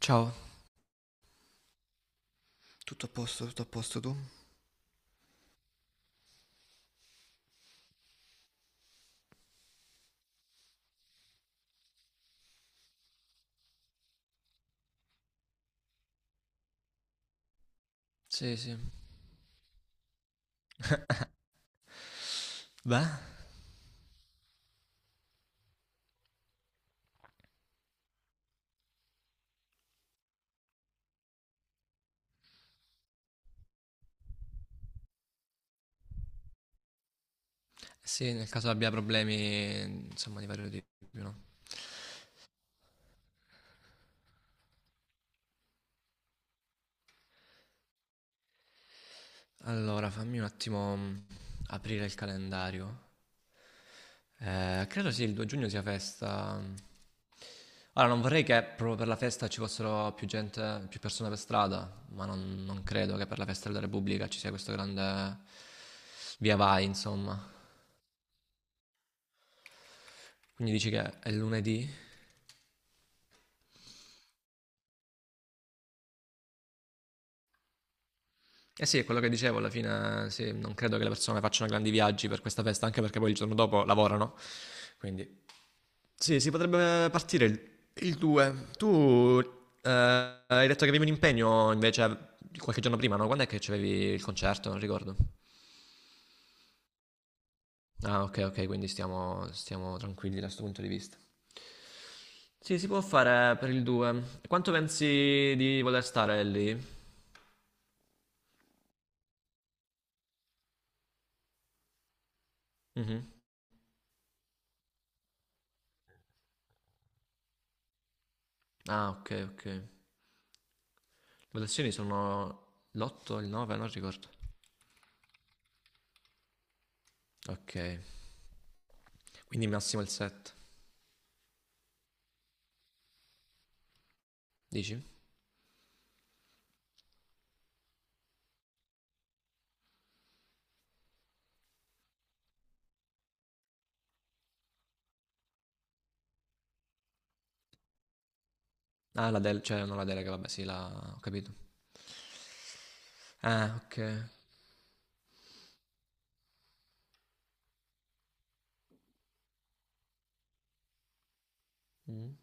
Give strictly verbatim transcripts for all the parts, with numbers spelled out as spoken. Ciao. Tutto a posto, tutto a posto tu? Sì, sì. Beh? Sì, nel caso abbia problemi, insomma, di vario tipo, no? Allora, fammi un attimo mm, aprire il calendario. Eh, credo sì, il due giugno sia festa. Ora, non vorrei che proprio per la festa ci fossero più gente, più persone per strada, ma non, non credo che per la festa della Repubblica ci sia questo grande via vai, insomma. Quindi dici che è lunedì? Eh sì, è quello che dicevo, alla fine eh, sì, non credo che le persone facciano grandi viaggi per questa festa, anche perché poi il giorno dopo lavorano. Quindi sì, si potrebbe partire il, il due. Tu eh, hai detto che avevi un impegno invece qualche giorno prima, no? Quando è che c'avevi il concerto? Non ricordo. Ah, ok, ok, quindi stiamo, stiamo tranquilli da questo punto di vista. Sì, si può fare per il due. Quanto pensi di voler stare lì? Mhm. Ah, ok, ok. Votazioni sono l'otto, il nove, non ricordo. Ok, quindi massimo il sette. Dici? Ah, la del... cioè non la delega, vabbè, sì, la... ho capito. Ah, ok. Mm,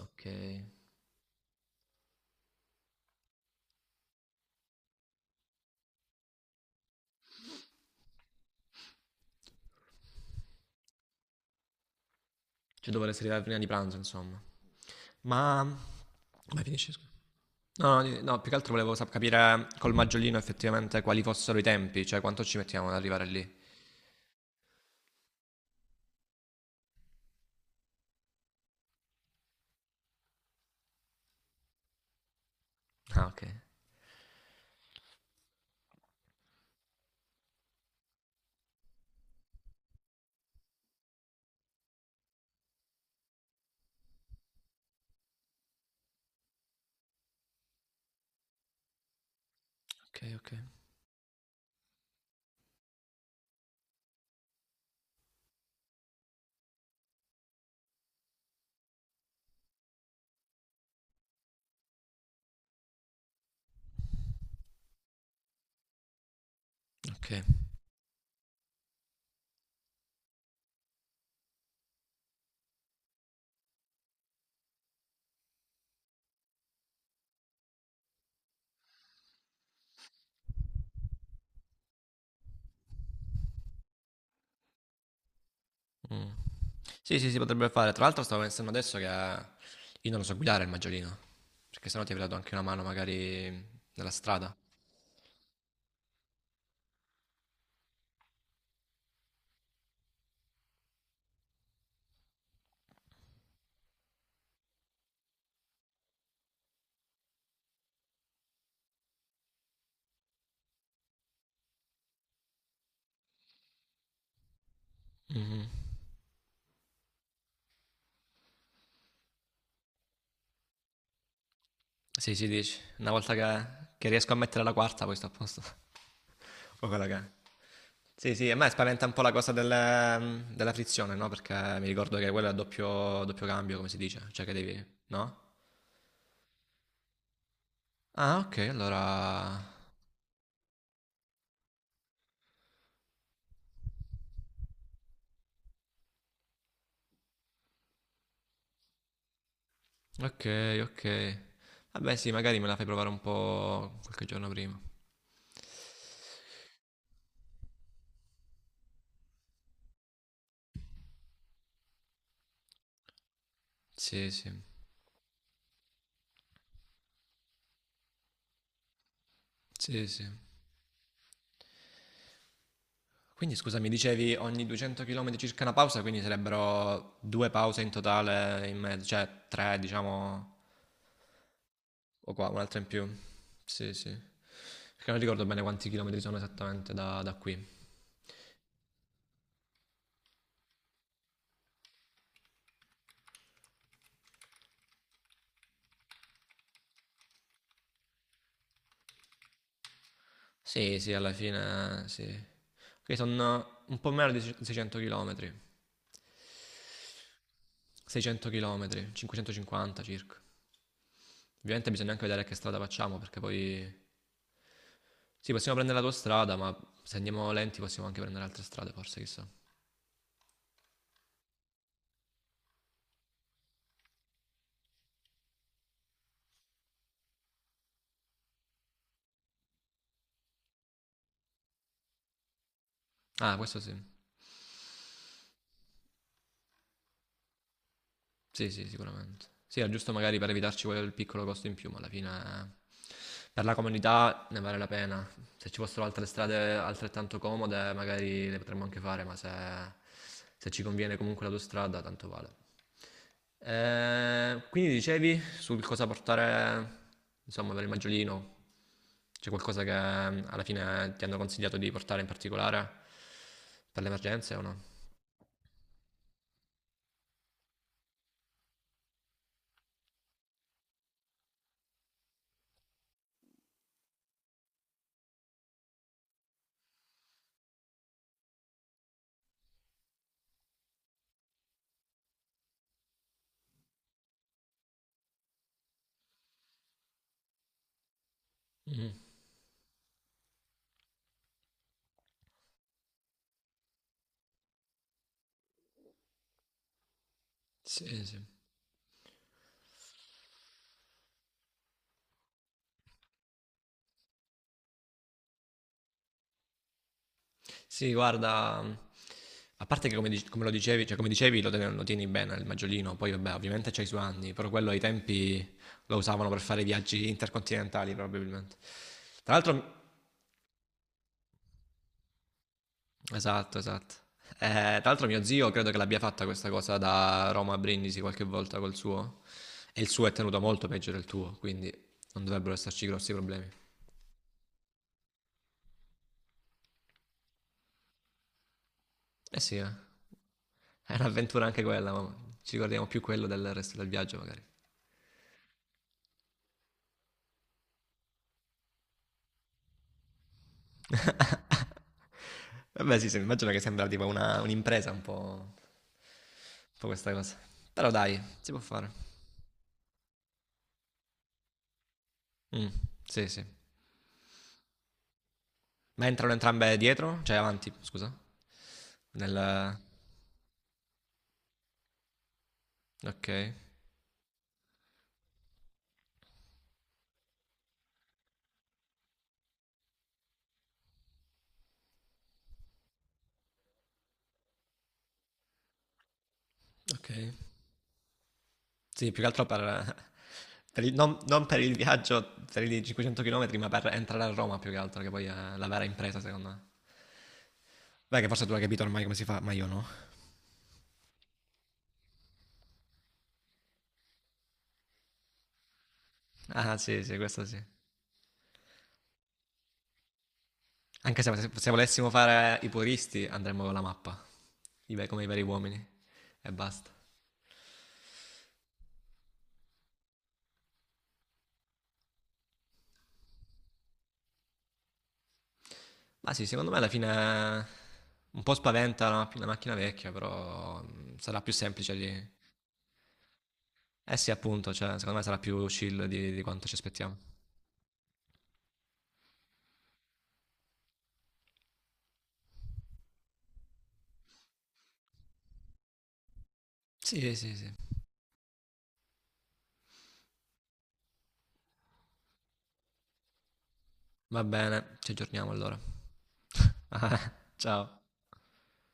ok. Cioè dovrei arrivare prima di pranzo, insomma. Ma... Come finisce? Scusa? No, no, no, più che altro volevo sap- capire col maggiolino effettivamente quali fossero i tempi, cioè quanto ci mettiamo ad arrivare lì. Ah, ok. Ok, ok, ok. Sì, sì, si potrebbe fare. Tra l'altro stavo pensando adesso che eh, io non lo so guidare il maggiolino, perché sennò ti avrei dato anche una mano magari nella strada. Sì, sì, dici. Una volta che, che riesco a mettere la quarta, poi sto a posto. O quella che è. Sì, sì, a me spaventa un po' la cosa del- della frizione, no? Perché mi ricordo che quello è a doppio, doppio cambio, come si dice. Cioè che devi. No? Ah, ok, allora. Ok, ok. Vabbè, sì, magari me la fai provare un po' qualche giorno prima. Sì, sì. Sì, sì. Quindi scusa, mi dicevi ogni duecento chilometri circa una pausa, quindi sarebbero due pause in totale in mezzo, cioè tre, diciamo, o qua, un'altra in più. Sì, sì. Perché non ricordo bene quanti chilometri sono esattamente da, da qui. Sì, sì, alla fine sì. Ok, sono un po' meno di seicento chilometri. seicento chilometri, cinquecentocinquanta circa. Ovviamente bisogna anche vedere che strada facciamo, perché poi. Sì, possiamo prendere la tua strada, ma se andiamo lenti possiamo anche prendere altre strade, forse, chissà. Ah, questo sì. Sì, sì, sicuramente. Sì, è giusto magari per evitarci quel piccolo costo in più, ma alla fine eh, per la comunità ne vale la pena. Se ci fossero altre strade altrettanto comode, magari le potremmo anche fare, ma se, se ci conviene comunque l'autostrada, tanto vale. Eh, quindi dicevi sul cosa portare, insomma, per il maggiolino, c'è qualcosa che eh, alla fine ti hanno consigliato di portare in particolare per le emergenze o no? Mhm. Sì, sì. Sì, guarda, a parte che come, dic- come lo dicevi, cioè come dicevi lo, ten- lo tieni bene il maggiolino, poi vabbè, ovviamente c'hai i suoi anni, però quello ai tempi lo usavano per fare viaggi intercontinentali probabilmente. Tra l'altro, esatto, esatto. Eh, tra l'altro mio zio credo che l'abbia fatta questa cosa da Roma a Brindisi qualche volta col suo, e il suo è tenuto molto peggio del tuo, quindi non dovrebbero esserci grossi problemi. Eh sì, eh. È un'avventura anche quella, ma ci ricordiamo più quello del resto del viaggio magari. Vabbè, sì, sì, immagino che sembra tipo una, un'impresa un po', un po' questa cosa. Però dai, si può fare. Mm, sì, sì. Ma entrano entrambe dietro? Cioè avanti, scusa. Nel... Ok, ok. Sì, più che altro per... per il- non, non per il viaggio per i cinquecento chilometri, ma per entrare a Roma più che altro, che poi è la vera impresa, secondo me. Beh, che forse tu hai capito ormai come si fa, ma io no. Ah, sì, sì, questo sì. Anche se, se volessimo fare i puristi, andremmo con la mappa. I ve- Come i veri uomini. E basta. Ma sì, secondo me alla fine un po' spaventa la, la macchina vecchia, però mh, sarà più semplice di. Eh sì, appunto, cioè, secondo me sarà più chill di, di quanto ci aspettiamo. Sì, sì, sì. Va bene, ci aggiorniamo allora. Ciao.